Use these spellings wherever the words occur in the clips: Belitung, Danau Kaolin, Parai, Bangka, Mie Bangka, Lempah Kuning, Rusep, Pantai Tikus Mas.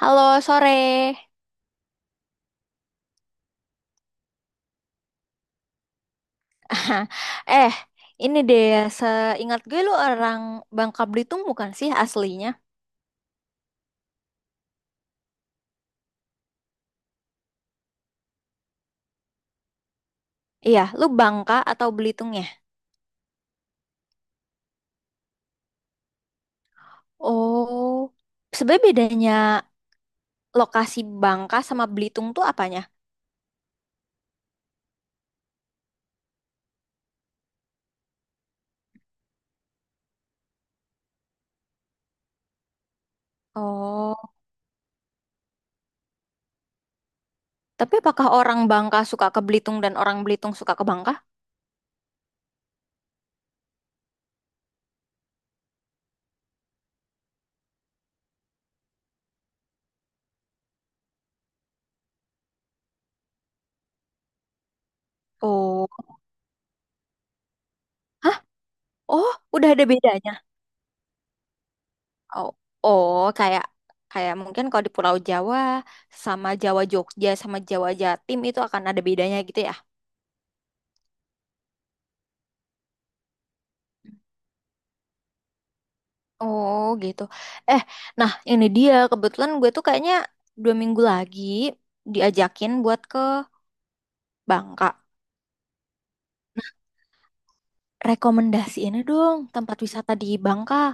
Halo, sore. Eh, ini deh, seingat gue lu orang Bangka Belitung bukan sih aslinya? Iya, lu Bangka atau Belitung ya? Oh, sebenarnya bedanya lokasi Bangka sama Belitung tuh apanya? Oh, tapi apakah orang Bangka suka ke Belitung dan orang Belitung suka ke Bangka? Oh, hah? Oh, udah ada bedanya. Oh, oh, kayak kayak mungkin kalau di Pulau Jawa sama Jawa Jogja sama Jawa Jatim itu akan ada bedanya gitu ya? Oh gitu. Eh, nah ini dia kebetulan gue tuh kayaknya 2 minggu lagi diajakin buat ke Bangka. Rekomendasi ini dong tempat wisata di Bangka.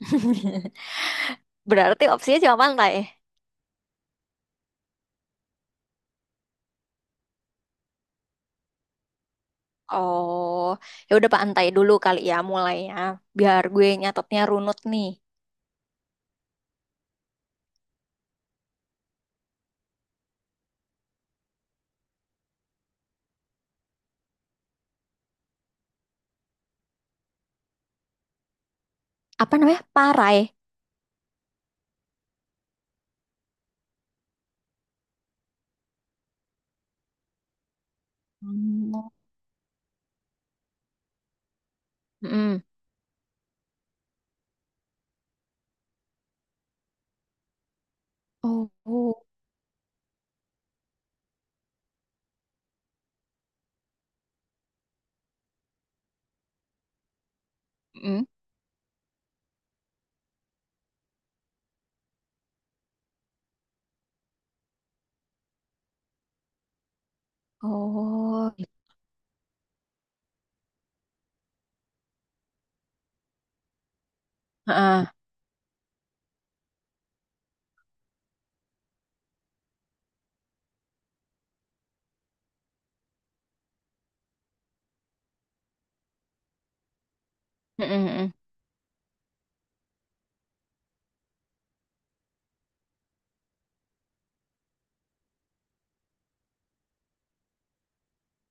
Berarti opsinya cuma pantai. Oh, ya udah pantai dulu kali ya mulainya. Biar gue nyatetnya runut nih. Apa namanya? Parai. Hmm. Mm-mm. Oh, oh. Mm-mm. Oh, gitu. Heeh. Mm-mm.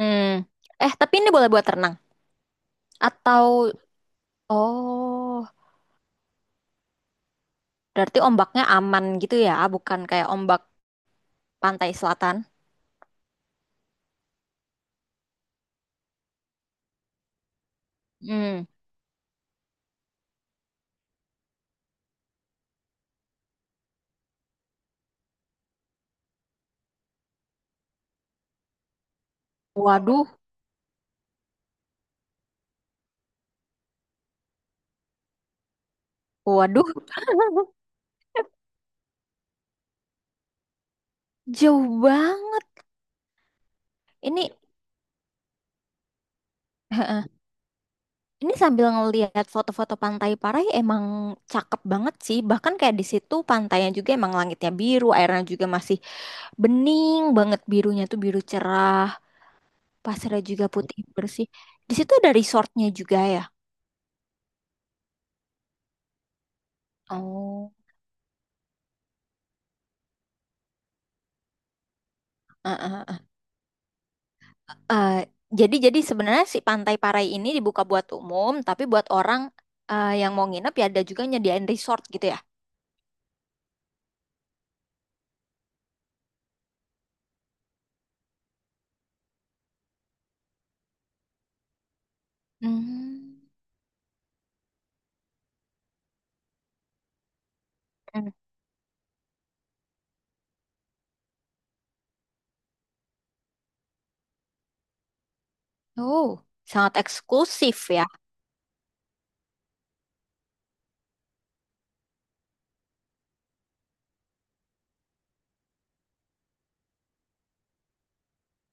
Mm. Eh, tapi ini boleh buat renang atau Oh, berarti ombaknya aman gitu ya, bukan kayak ombak pantai selatan. Hmm. Waduh, waduh, jauh banget. Ini, heeh. Ini sambil ngelihat foto-foto pantai Parai emang cakep banget sih. Bahkan kayak di situ pantainya juga emang langitnya biru, airnya juga masih bening banget birunya tuh biru cerah, pasirnya juga putih bersih. Di situ ada resortnya juga ya. Oh, heeh. Eh, jadi sebenarnya si Pantai Parai ini dibuka buat umum, tapi buat orang yang mau nginep ya ada juga nyediain resort gitu ya. Hmm. Hmm. Oh, sangat eksklusif ya.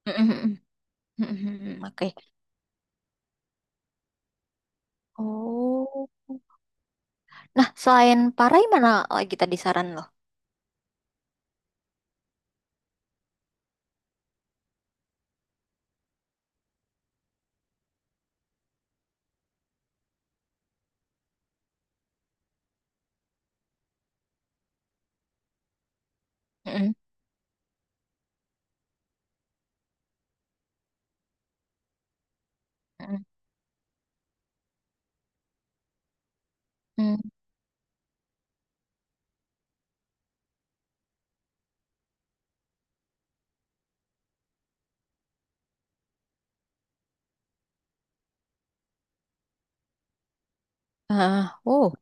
Mhm. Mhm. Oke. Oh. Nah, selain Parai mana lagi tadi saran lo? Mm-mm. Mm. Ah, oh,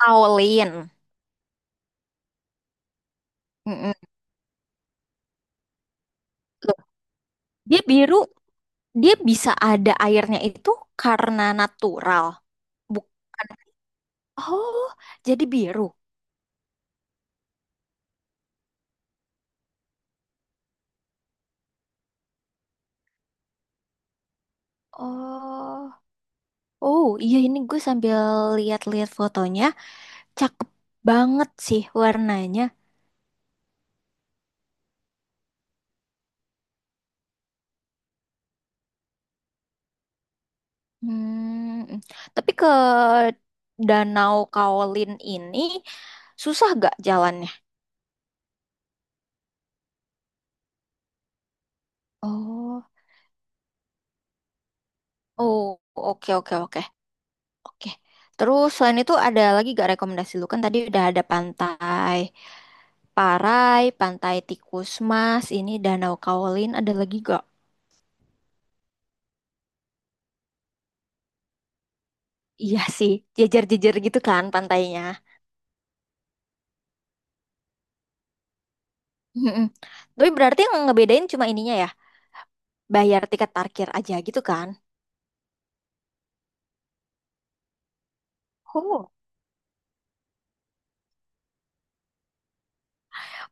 kaolin. Mm. Loh, dia biru, dia bisa ada airnya itu karena natural, bukan. Oh, jadi biru. Oh, oh iya ini gue sambil lihat-lihat fotonya, cakep banget sih warnanya. Hmm, tapi ke Danau Kaolin ini susah gak jalannya? Oh, oh, oke, oke, oke, oke. Terus selain itu ada lagi gak rekomendasi lu kan tadi udah ada pantai Parai, pantai Tikus Mas, ini Danau Kaolin ada lagi gak? Iya sih, jejer-jejer gitu kan pantainya. Mm-mm. Tapi berarti yang ngebedain cuma ininya ya, bayar tiket parkir aja gitu kan? Oh.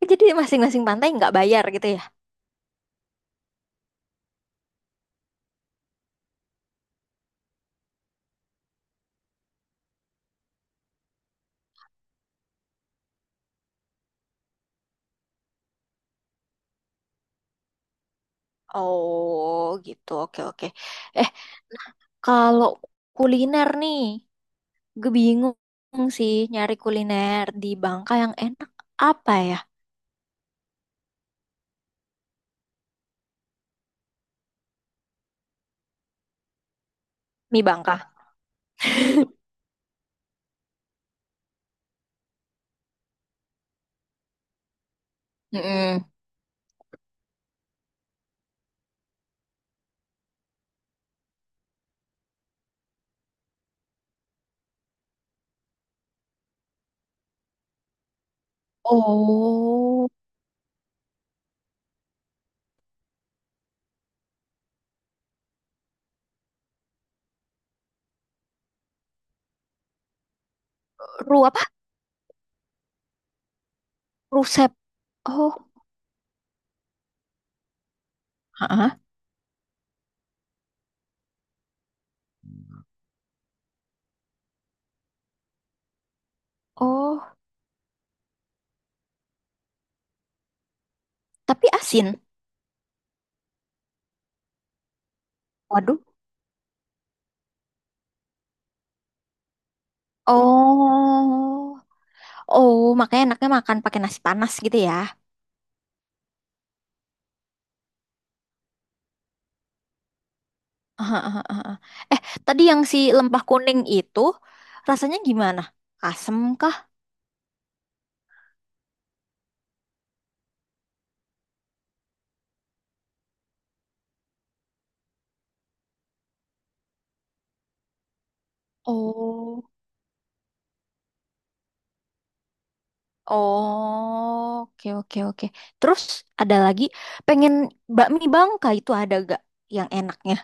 Oh, jadi masing-masing pantai nggak bayar gitu ya? Oh gitu, oke oke. Eh kalau kuliner nih, gue bingung sih nyari kuliner di Bangka yang enak apa ya? Mie Bangka. Mm-mm. Oh, ru apa? Rusep. Oh, heeh. Oh, tapi asin. Waduh. Oh. Oh, makanya enaknya makan pakai nasi panas gitu ya. Aha, aha, aha. Eh, tadi yang si lempah kuning itu rasanya gimana? Asem kah? Oh, oh, oke oke oke. Terus ada lagi pengen bakmi Bangka itu ada gak yang enaknya?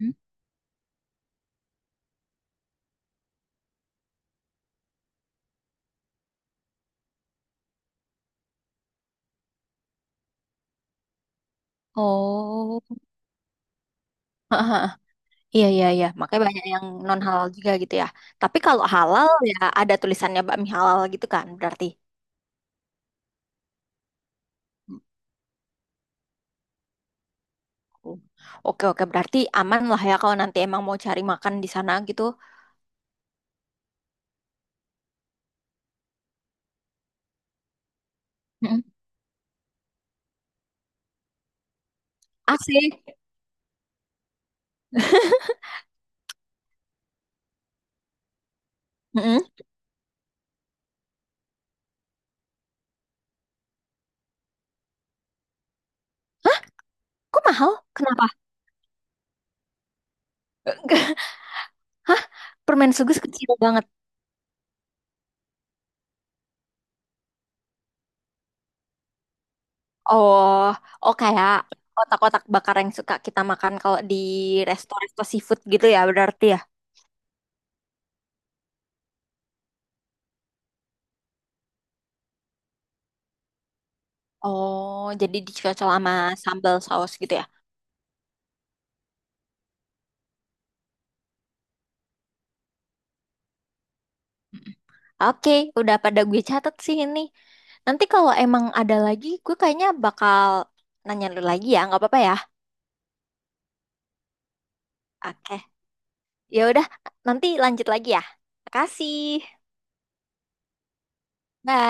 Hmm? Oh, aha, aha. Iya iya iya. Makanya banyak yang non halal juga gitu ya. Tapi kalau halal ya ada tulisannya bakmi halal gitu kan berarti. Oke, oke, berarti aman lah ya kalau nanti emang mau cari makan di sana gitu. Mm-mm. Asik. Mm-mm. Hah? Kok mahal? Kenapa? Hah? Permen sugus kecil banget. Oh, oh kayak kotak-kotak bakar yang suka kita makan kalau di resto-resto seafood gitu ya berarti ya. Oh, jadi dicocol sama sambal saus gitu ya. Oke, udah pada gue catat sih ini. Nanti kalau emang ada lagi, gue kayaknya bakal nanya lu lagi ya, nggak apa-apa ya? Oke. Ya udah, nanti lanjut lagi ya. Makasih. Bye.